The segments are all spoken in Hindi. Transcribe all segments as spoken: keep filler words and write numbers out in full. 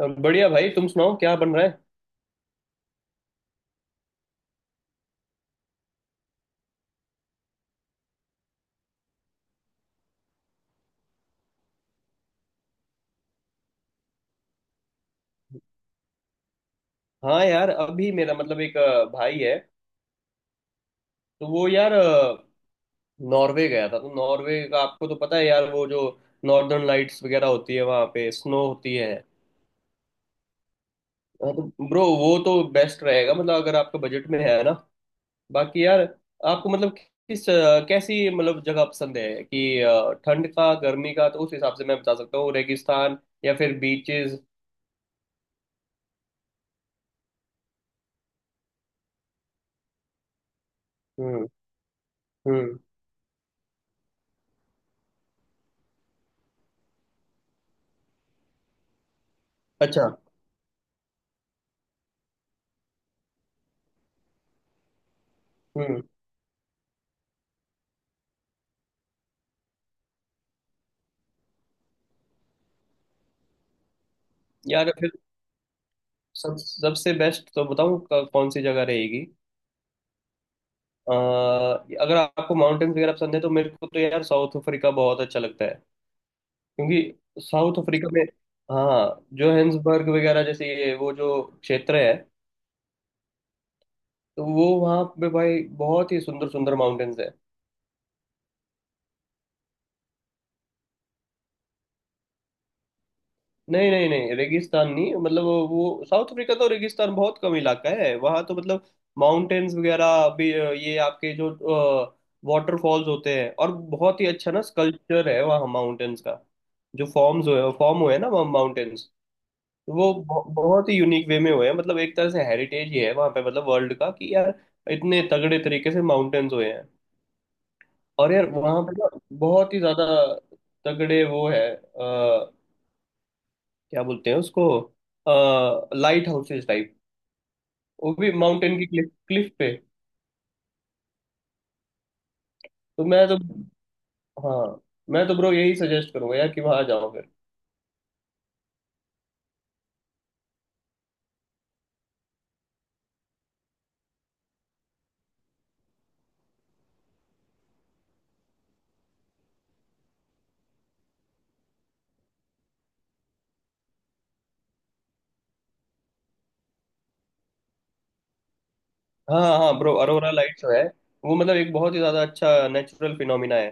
बढ़िया भाई। तुम सुनाओ क्या बन रहा है। हाँ यार, अभी मेरा मतलब एक अ, भाई है। तो वो यार अ, नॉर्वे गया था। तो नॉर्वे का आपको तो पता है यार, वो जो नॉर्दर्न लाइट्स वगैरह होती है, वहाँ पे स्नो होती है। हाँ, तो ब्रो वो तो बेस्ट रहेगा मतलब, अगर आपका बजट में है ना। बाकी यार, आपको मतलब किस अ, कैसी मतलब जगह पसंद है कि अ, ठंड का गर्मी का, तो उस हिसाब से मैं बता सकता हूँ, रेगिस्तान या फिर बीचेस। हम्म। हम्म। अच्छा। हम्म। यार, सब सबसे बेस्ट तो बताऊं क- कौन सी जगह रहेगी। अ, अगर आपको माउंटेन्स वगैरह पसंद है तो मेरे को तो यार साउथ अफ्रीका बहुत अच्छा लगता है। क्योंकि साउथ अफ्रीका में हाँ, जोहेंसबर्ग वगैरह जैसे ये वो जो क्षेत्र है। तो वो वहाँ पे भाई बहुत ही सुंदर सुंदर माउंटेन्स है। नहीं नहीं नहीं, रेगिस्तान नहीं मतलब, वो वो- साउथ अफ्रीका तो रेगिस्तान बहुत कम इलाका है वहाँ तो मतलब। माउंटेन्स वगैरह भी अ, ये आपके जो वाटरफॉल्स होते हैं, और बहुत ही अच्छा ना स्कल्पचर है वहाँ माउंटेन्स का। जो फॉर्म्स हुए फॉर्म हुए हैं ना माउंटेन्स। तो वो बहु- बहुत ही यूनिक वे में हुए हैं मतलब, एक तरह से हेरिटेज ही है वहाँ पे मतलब वर्ल्ड का, कि यार इतने तगड़े तरीके से माउंटेन्स हुए हैं। और यार वहाँ पे ना बहुत ही ज्यादा तगड़े वो है, क्या बोलते हैं उसको, लाइट हाउसेस टाइप, वो भी माउंटेन की क्लिफ क्लिफ पे। तो मैं तो हाँ। मैं तो ब्रो यही सजेस्ट करूंगा यार कि वहां जाओ फिर। हाँ हाँ ब्रो, अरोरा लाइट्स जो है वो मतलब एक बहुत ही ज्यादा अच्छा नेचुरल फिनोमिना है।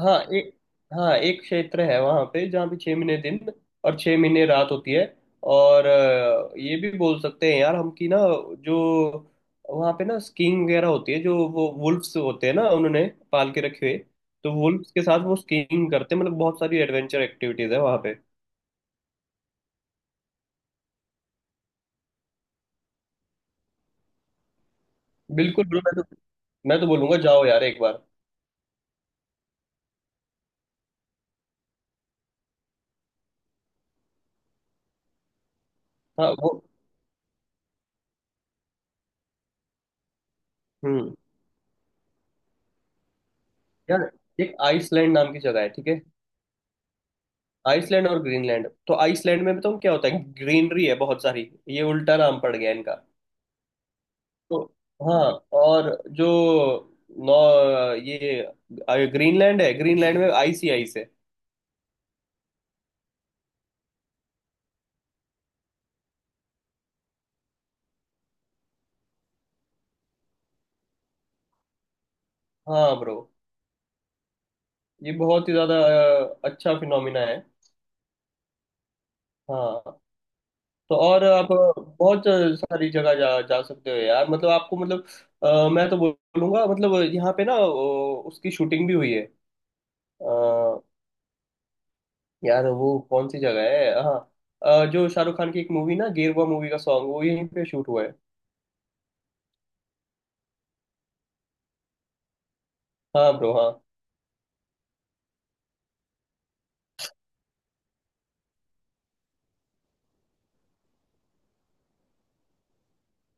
हाँ एक हाँ एक क्षेत्र है वहाँ पे, जहाँ पे छह महीने दिन और छह महीने रात होती है। और अ, ये भी बोल सकते हैं यार हम कि ना, जो वहाँ पे ना स्कीइंग वगैरह होती है, जो वो वुल्फ्स होते हैं ना उन्होंने पाल के रखे हुए। तो वुल्फ्स के साथ वो स्कीइंग करते हैं मतलब, बहुत सारी एडवेंचर एक्टिविटीज है वहाँ पे। बिल्कुल बिल्कुल। मैं तो मैं तो बोलूंगा जाओ यार एक बार। हाँ। वो। हम्म। यार एक आइसलैंड नाम की जगह है, ठीक है। आइसलैंड और ग्रीनलैंड, तो आइसलैंड में बताऊँ क्या होता है, ग्रीनरी है बहुत सारी। ये उल्टा नाम पड़ गया इनका। तो हाँ। और जो नौ ये अ, ग्रीनलैंड है, ग्रीनलैंड में आइस ही आइस है। हाँ ब्रो, ये बहुत ही ज्यादा अ, अच्छा फिनोमिना है। हाँ। तो और आप बहुत सारी जगह जा जा सकते हो यार मतलब, आपको मतलब अ, मैं तो बोलूंगा मतलब यहाँ पे ना, अ, उसकी शूटिंग भी हुई है। यार वो कौन सी जगह है, हाँ, अ, जो शाहरुख खान की एक मूवी ना, गेरुआ मूवी का सॉन्ग वो यहीं पे शूट हुआ है। हाँ ब्रो हाँ।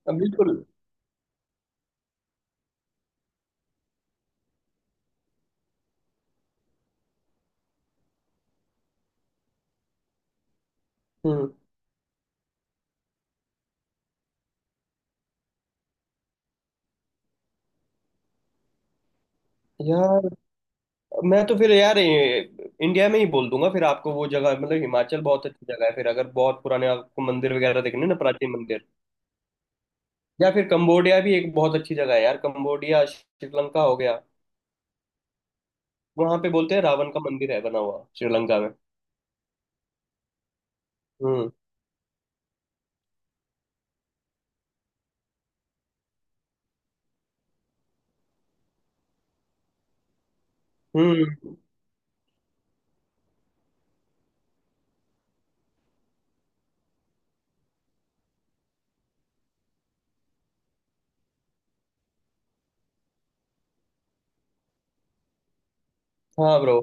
अ, बिल्कुल। हम्म। यार मैं तो फिर यार ए, इंडिया में ही बोल दूंगा फिर, आपको वो जगह मतलब हिमाचल बहुत अच्छी जगह है फिर, अगर बहुत पुराने आपको मंदिर वगैरह देखने हैं ना, प्राचीन मंदिर। या फिर कंबोडिया भी एक बहुत अच्छी जगह है यार, कंबोडिया, श्रीलंका हो गया। वहां पे बोलते हैं रावण का मंदिर है बना हुआ, श्रीलंका में। हम्म। हम्म। हाँ ब्रो।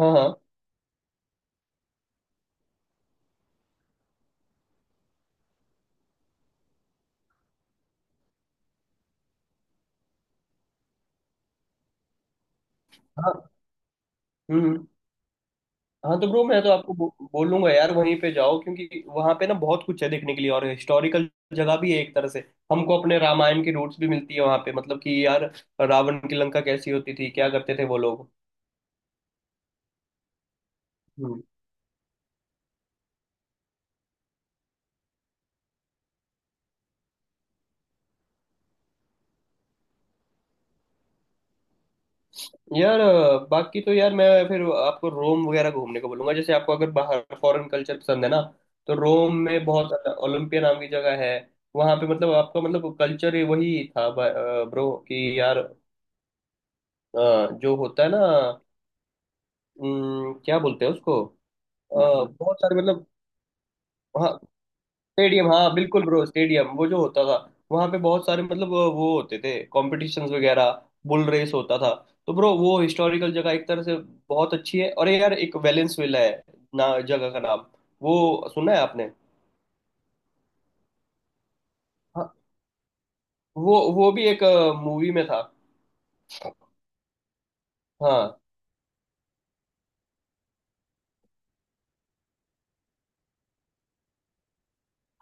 हाँ हाँ हाँ। हम्म। हाँ, तो ब्रो मैं तो आपको बो, बोलूंगा यार, वहीं पे जाओ क्योंकि वहां पे ना बहुत कुछ है देखने के लिए, और हिस्टोरिकल जगह भी है एक तरह से। हमको अपने रामायण की रूट्स भी मिलती है वहां पे मतलब, कि यार रावण की लंका कैसी होती थी, क्या करते थे वो लोग। हम्म। यार अ, बाकी तो यार मैं फिर आपको रोम वगैरह घूमने को बोलूंगा, जैसे आपको अगर बाहर फॉरेन कल्चर पसंद है ना। तो रोम में बहुत ओलंपिया नाम की जगह है। वहां पे मतलब आपका मतलब कल्चर वही था ब्रो, कि यार अ, जो होता है ना, अम, क्या बोलते हैं उसको, अ, बहुत सारे मतलब। हाँ, स्टेडियम हाँ, बिल्कुल ब्रो, स्टेडियम वो जो होता था, वहाँ पे बहुत सारे मतलब अ, वो होते थे कॉम्पिटिशन्स वगैरह, बुल रेस होता था। तो ब्रो वो हिस्टोरिकल जगह एक तरह से बहुत अच्छी है। और ये यार एक वेलेंस विला है ना जगह का नाम, वो सुना है आपने। हाँ, वो वो भी एक मूवी में था। हाँ।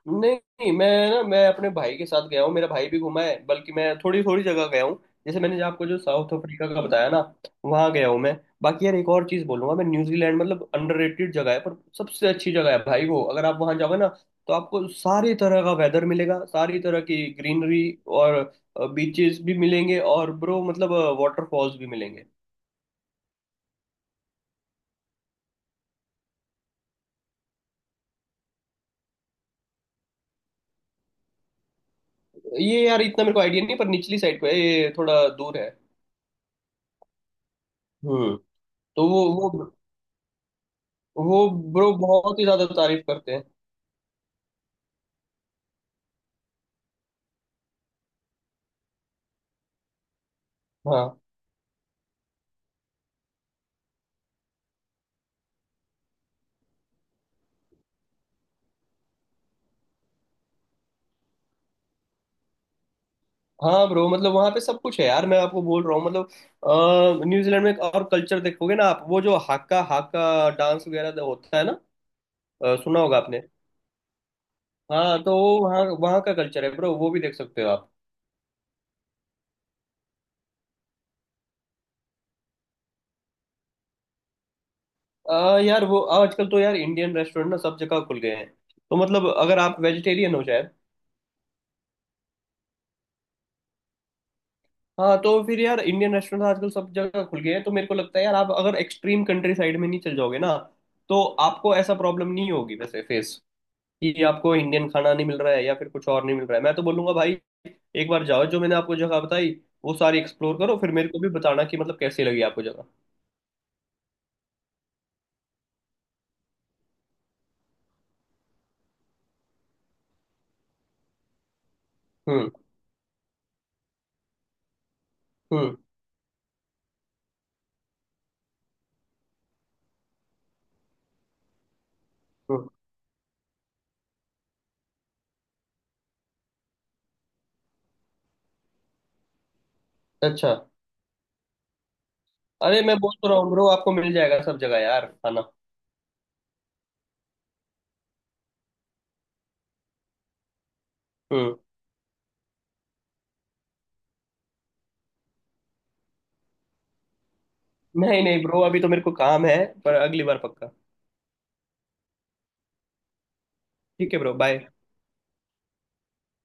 नहीं नहीं, मैं ना मैं अपने भाई के साथ गया हूँ। मेरा भाई भी घूमा है, बल्कि मैं थोड़ी थोड़ी जगह गया हूँ। जैसे मैंने जो आपको जो साउथ अफ्रीका का बताया ना, वहाँ गया हूँ मैं। बाकी यार एक और चीज़ बोलूंगा, मैं न्यूजीलैंड मतलब अंडररेटेड जगह है पर सबसे अच्छी जगह है भाई। वो अगर आप वहाँ जाओगे ना, तो आपको सारी तरह का वेदर मिलेगा, सारी तरह की ग्रीनरी, और बीचेस भी मिलेंगे, और ब्रो मतलब वाटरफॉल्स भी मिलेंगे। ये यार इतना मेरे को आइडिया नहीं, पर निचली साइड पे है, ये थोड़ा दूर है। हम्म। तो वो वो वो ब्रो बहुत ही ज्यादा तारीफ करते हैं। हाँ हाँ ब्रो मतलब, वहाँ पे सब कुछ है यार, मैं आपको बोल रहा हूँ मतलब, अ, न्यूजीलैंड में एक और कल्चर देखोगे ना आप, वो जो हाक्का हाक्का डांस वगैरह जो होता है ना। अ, सुना होगा आपने। हाँ, तो वो वहाँ वहाँ का कल्चर है ब्रो, वो भी देख सकते हो आप। अ, यार वो आजकल तो यार इंडियन रेस्टोरेंट ना सब जगह खुल गए हैं, तो मतलब अगर आप वेजिटेरियन हो शायद। हाँ, तो फिर यार इंडियन रेस्टोरेंट आजकल सब जगह खुल गए हैं, तो मेरे को लगता है यार आप अगर एक्सट्रीम कंट्री साइड में नहीं चल जाओगे ना, तो आपको ऐसा प्रॉब्लम नहीं होगी वैसे फेस, कि आपको इंडियन खाना नहीं मिल रहा है या फिर कुछ और नहीं मिल रहा है। मैं तो बोलूंगा भाई, एक बार जाओ जो मैंने आपको जगह बताई, वो सारी एक्सप्लोर करो, फिर मेरे को भी बताना कि मतलब कैसी लगी आपको जगह। हम्म। हम्म। हम्म। अच्छा। अरे मैं बोल तो रहा हूँ ब्रो, आपको मिल जाएगा सब जगह यार खाना। हम्म। नहीं नहीं ब्रो, अभी तो मेरे को काम है, पर अगली बार पक्का। ठीक है ब्रो, बाय।